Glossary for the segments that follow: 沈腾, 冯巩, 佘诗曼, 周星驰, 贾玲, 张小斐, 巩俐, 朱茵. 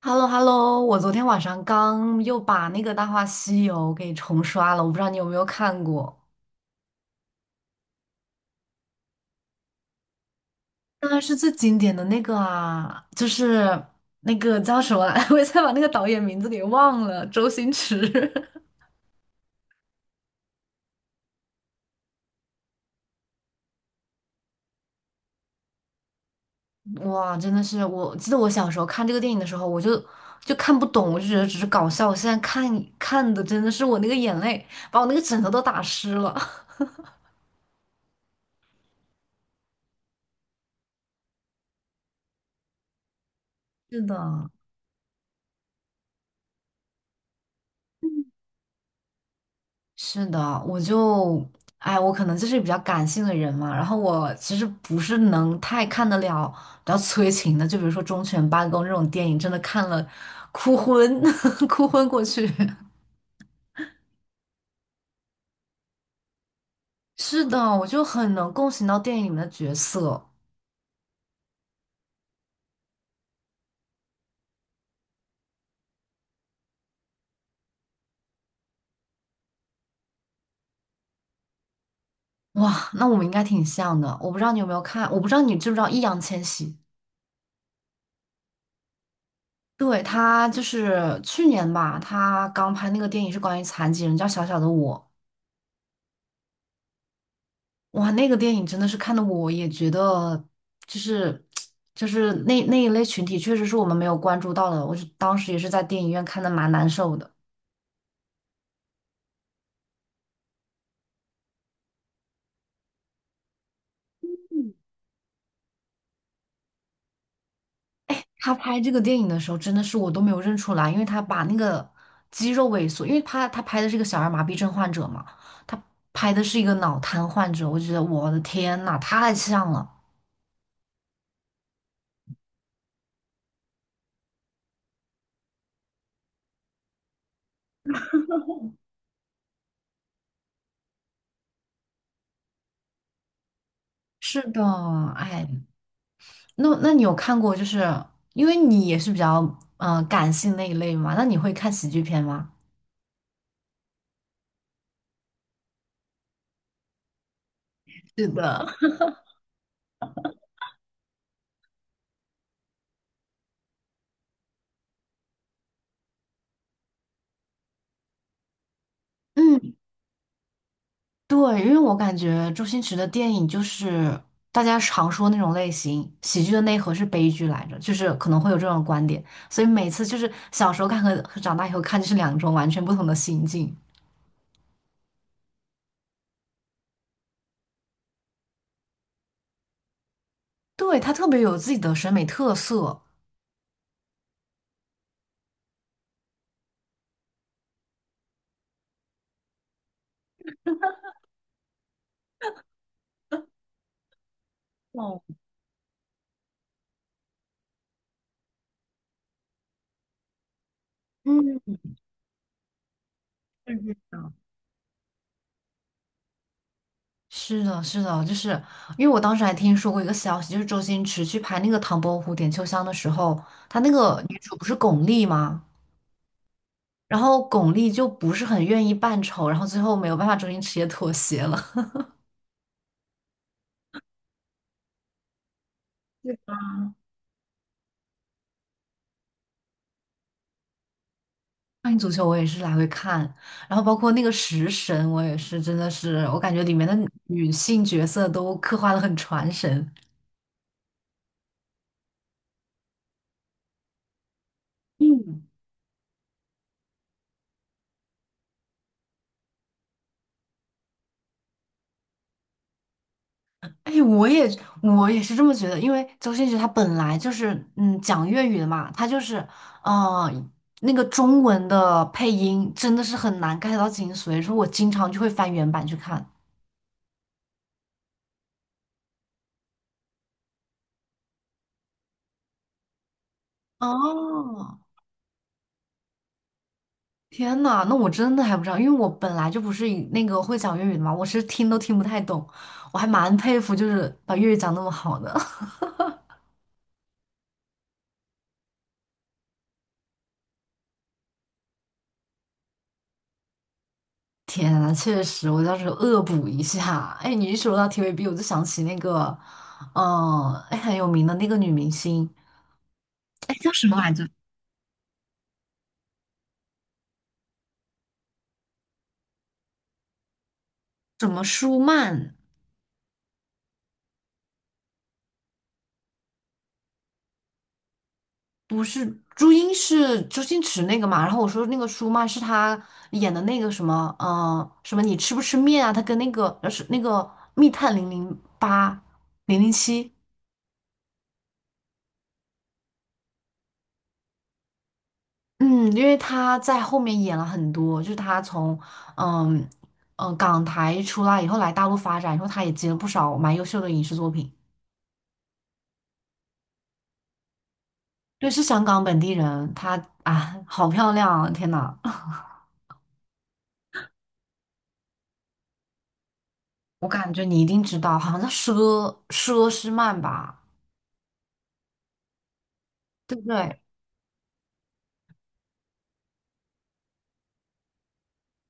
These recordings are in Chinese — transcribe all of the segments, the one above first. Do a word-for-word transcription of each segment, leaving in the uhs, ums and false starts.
h e l l o h e l l o 我昨天晚上刚又把那个《大话西游》给重刷了，我不知道你有没有看过，当然是最经典的那个啊，就是那个叫什么来，我一下把那个导演名字给忘了，周星驰。哇，真的是，我记得我小时候看这个电影的时候，我就就看不懂，我就觉得只是搞笑，我现在看看的真的是我那个眼泪把我那个枕头都打湿了。是的，是的，我就，哎，我可能就是比较感性的人嘛，然后我其实不是能太看得了比较催情的，就比如说《忠犬八公》这种电影，真的看了哭昏，哭昏过去。是的，我就很能共情到电影里面的角色。哇，那我们应该挺像的。我不知道你有没有看，我不知道你知不知道易烊千玺。对，他就是去年吧，他刚拍那个电影是关于残疾人，叫《小小的我》。哇，那个电影真的是看的，我也觉得就是就是那那一类群体，确实是我们没有关注到的。我是当时也是在电影院看的，蛮难受的。他拍这个电影的时候，真的是我都没有认出来，因为他把那个肌肉萎缩，因为他他拍的是一个小儿麻痹症患者嘛，他拍的是一个脑瘫患者，我觉得我的天呐，太像了。是的，哎，那那你有看过，就是因为你也是比较嗯、呃感性那一类嘛，那你会看喜剧片吗？是的，嗯，对，因为我感觉周星驰的电影就是大家常说那种类型，喜剧的内核是悲剧来着，就是可能会有这种观点，所以每次就是小时候看和和长大以后看就是两种完全不同的心境。对，他特别有自己的审美特色。哦，嗯，是这样。是的，是的，就是因为我当时还听说过一个消息，就是周星驰去拍那个《唐伯虎点秋香》的时候，他那个女主不是巩俐吗？然后巩俐就不是很愿意扮丑，然后最后没有办法，周星驰也妥协了。对。少林足球 我也是来回看，然后包括那个食神，我也是真的是，我感觉里面的女性角色都刻画的很传神。嗯，哎，我也我也是这么觉得，因为周星驰他本来就是嗯讲粤语的嘛，他就是嗯、呃那个中文的配音真的是很难 get 到精髓，所以说我经常就会翻原版去看。哦，天呐，那我真的还不知道，因为我本来就不是以那个会讲粤语的嘛，我是听都听不太懂，我还蛮佩服，就是把粤语讲那么好的。天呐，确实，我到时候恶补一下。哎，你一说到 T V B,我就想起那个，嗯、哎，很有名的那个女明星，哎，叫什么来着？什么舒曼？不是朱茵是周星驰那个嘛？然后我说那个舒曼是他演的那个什么，呃，什么你吃不吃面啊？他跟那个呃是那个密探零零八零零七，嗯，因为他在后面演了很多，就是他从嗯嗯、呃港台出来以后来大陆发展然后，他也接了不少蛮优秀的影视作品。对，是香港本地人，她啊，好漂亮啊天呐，我感觉你一定知道，好像叫佘佘诗曼吧，对不对？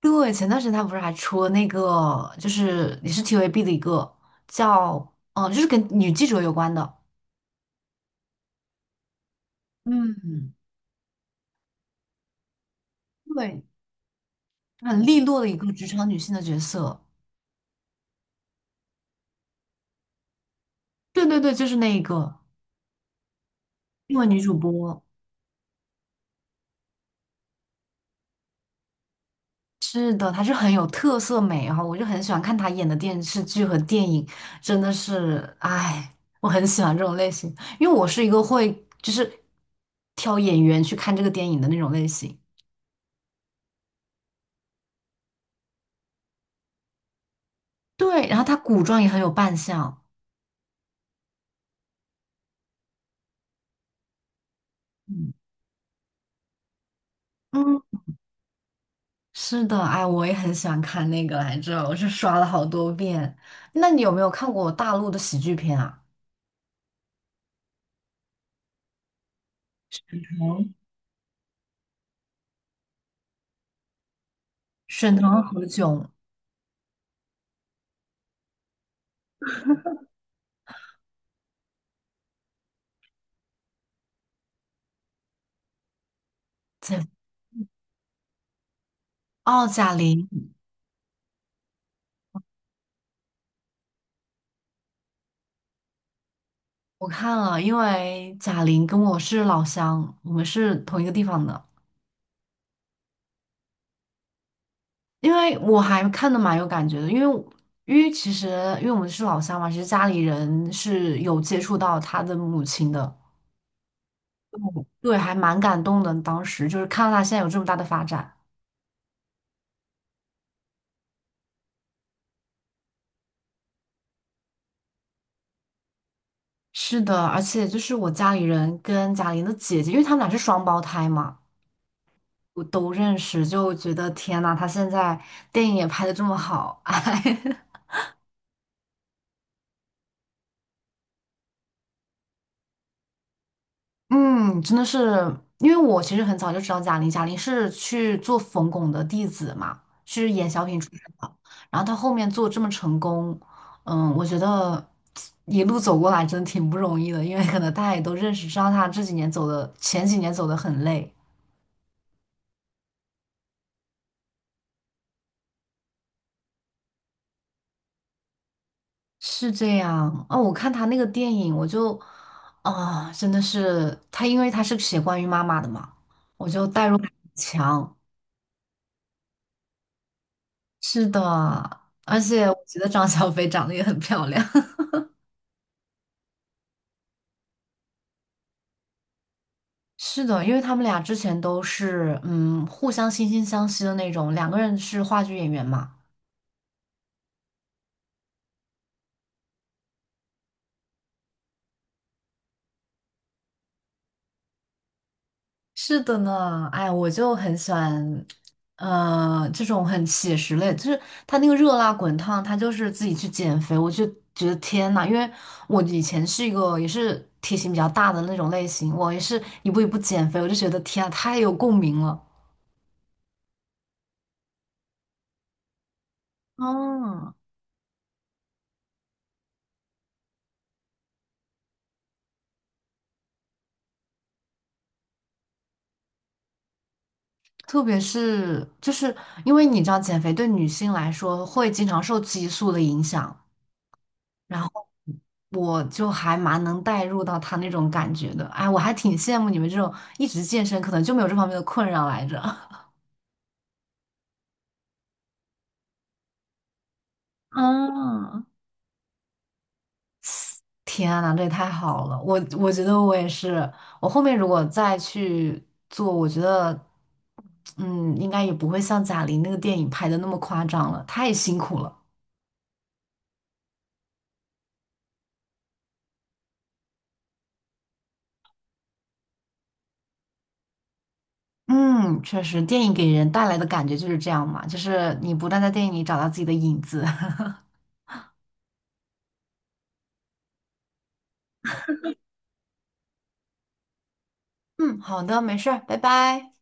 对，前段时间他不是还出了那个，就是也是 T V B 的一个叫，嗯，就是跟女记者有关的，嗯，对，很利落的一个职场女性的角色。对对对，就是那一个因为女主播。是的，她是很有特色美哈，我就很喜欢看她演的电视剧和电影，真的是，哎，我很喜欢这种类型，因为我是一个会就是挑演员去看这个电影的那种类型。对，然后她古装也很有扮相。嗯。是的，哎，我也很喜欢看那个来着，我是刷了好多遍。那你有没有看过大陆的喜剧片啊？嗯，沈腾和炅在。哦，贾玲，我看了，因为贾玲跟我是老乡，我们是同一个地方的。因为我还看的蛮有感觉的，因为我因为其实因为我们是老乡嘛，其实家里人是有接触到他的母亲的，对，还蛮感动的。当时就是看到他现在有这么大的发展。是的，而且就是我家里人跟贾玲的姐姐，因为他们俩是双胞胎嘛，我都认识，就觉得天呐，她现在电影也拍的这么好，哎，嗯，真的是，因为我其实很早就知道贾玲，贾玲是去做冯巩的弟子嘛，是演小品出身的，然后她后面做这么成功，嗯，我觉得一路走过来真的挺不容易的，因为可能大家也都认识，知道她这几年走的，前几年走的很累。是这样哦，我看他那个电影，我就啊、真的是他，因为他是写关于妈妈的嘛，我就代入感很强。是的，而且我觉得张小斐长得也很漂亮。是的，因为他们俩之前都是嗯互相惺惺相惜的那种，两个人是话剧演员嘛，是的呢，哎，我就很喜欢，呃，这种很写实类，就是他那个热辣滚烫，他就是自己去减肥，我就觉得天呐，因为我以前是一个也是体型比较大的那种类型，我也是一步一步减肥，我就觉得天啊，太有共鸣了。嗯，特别是就是因为你知道，减肥对女性来说会经常受激素的影响。然后我就还蛮能带入到他那种感觉的。哎，我还挺羡慕你们这种一直健身，可能就没有这方面的困扰来着。嗯，天呐，这也太好了！我我觉得我也是，我后面如果再去做，我觉得，嗯，应该也不会像贾玲那个电影拍的那么夸张了，太辛苦了。嗯，确实，电影给人带来的感觉就是这样嘛，就是你不断在电影里找到自己的影子。嗯，好的，没事儿拜拜。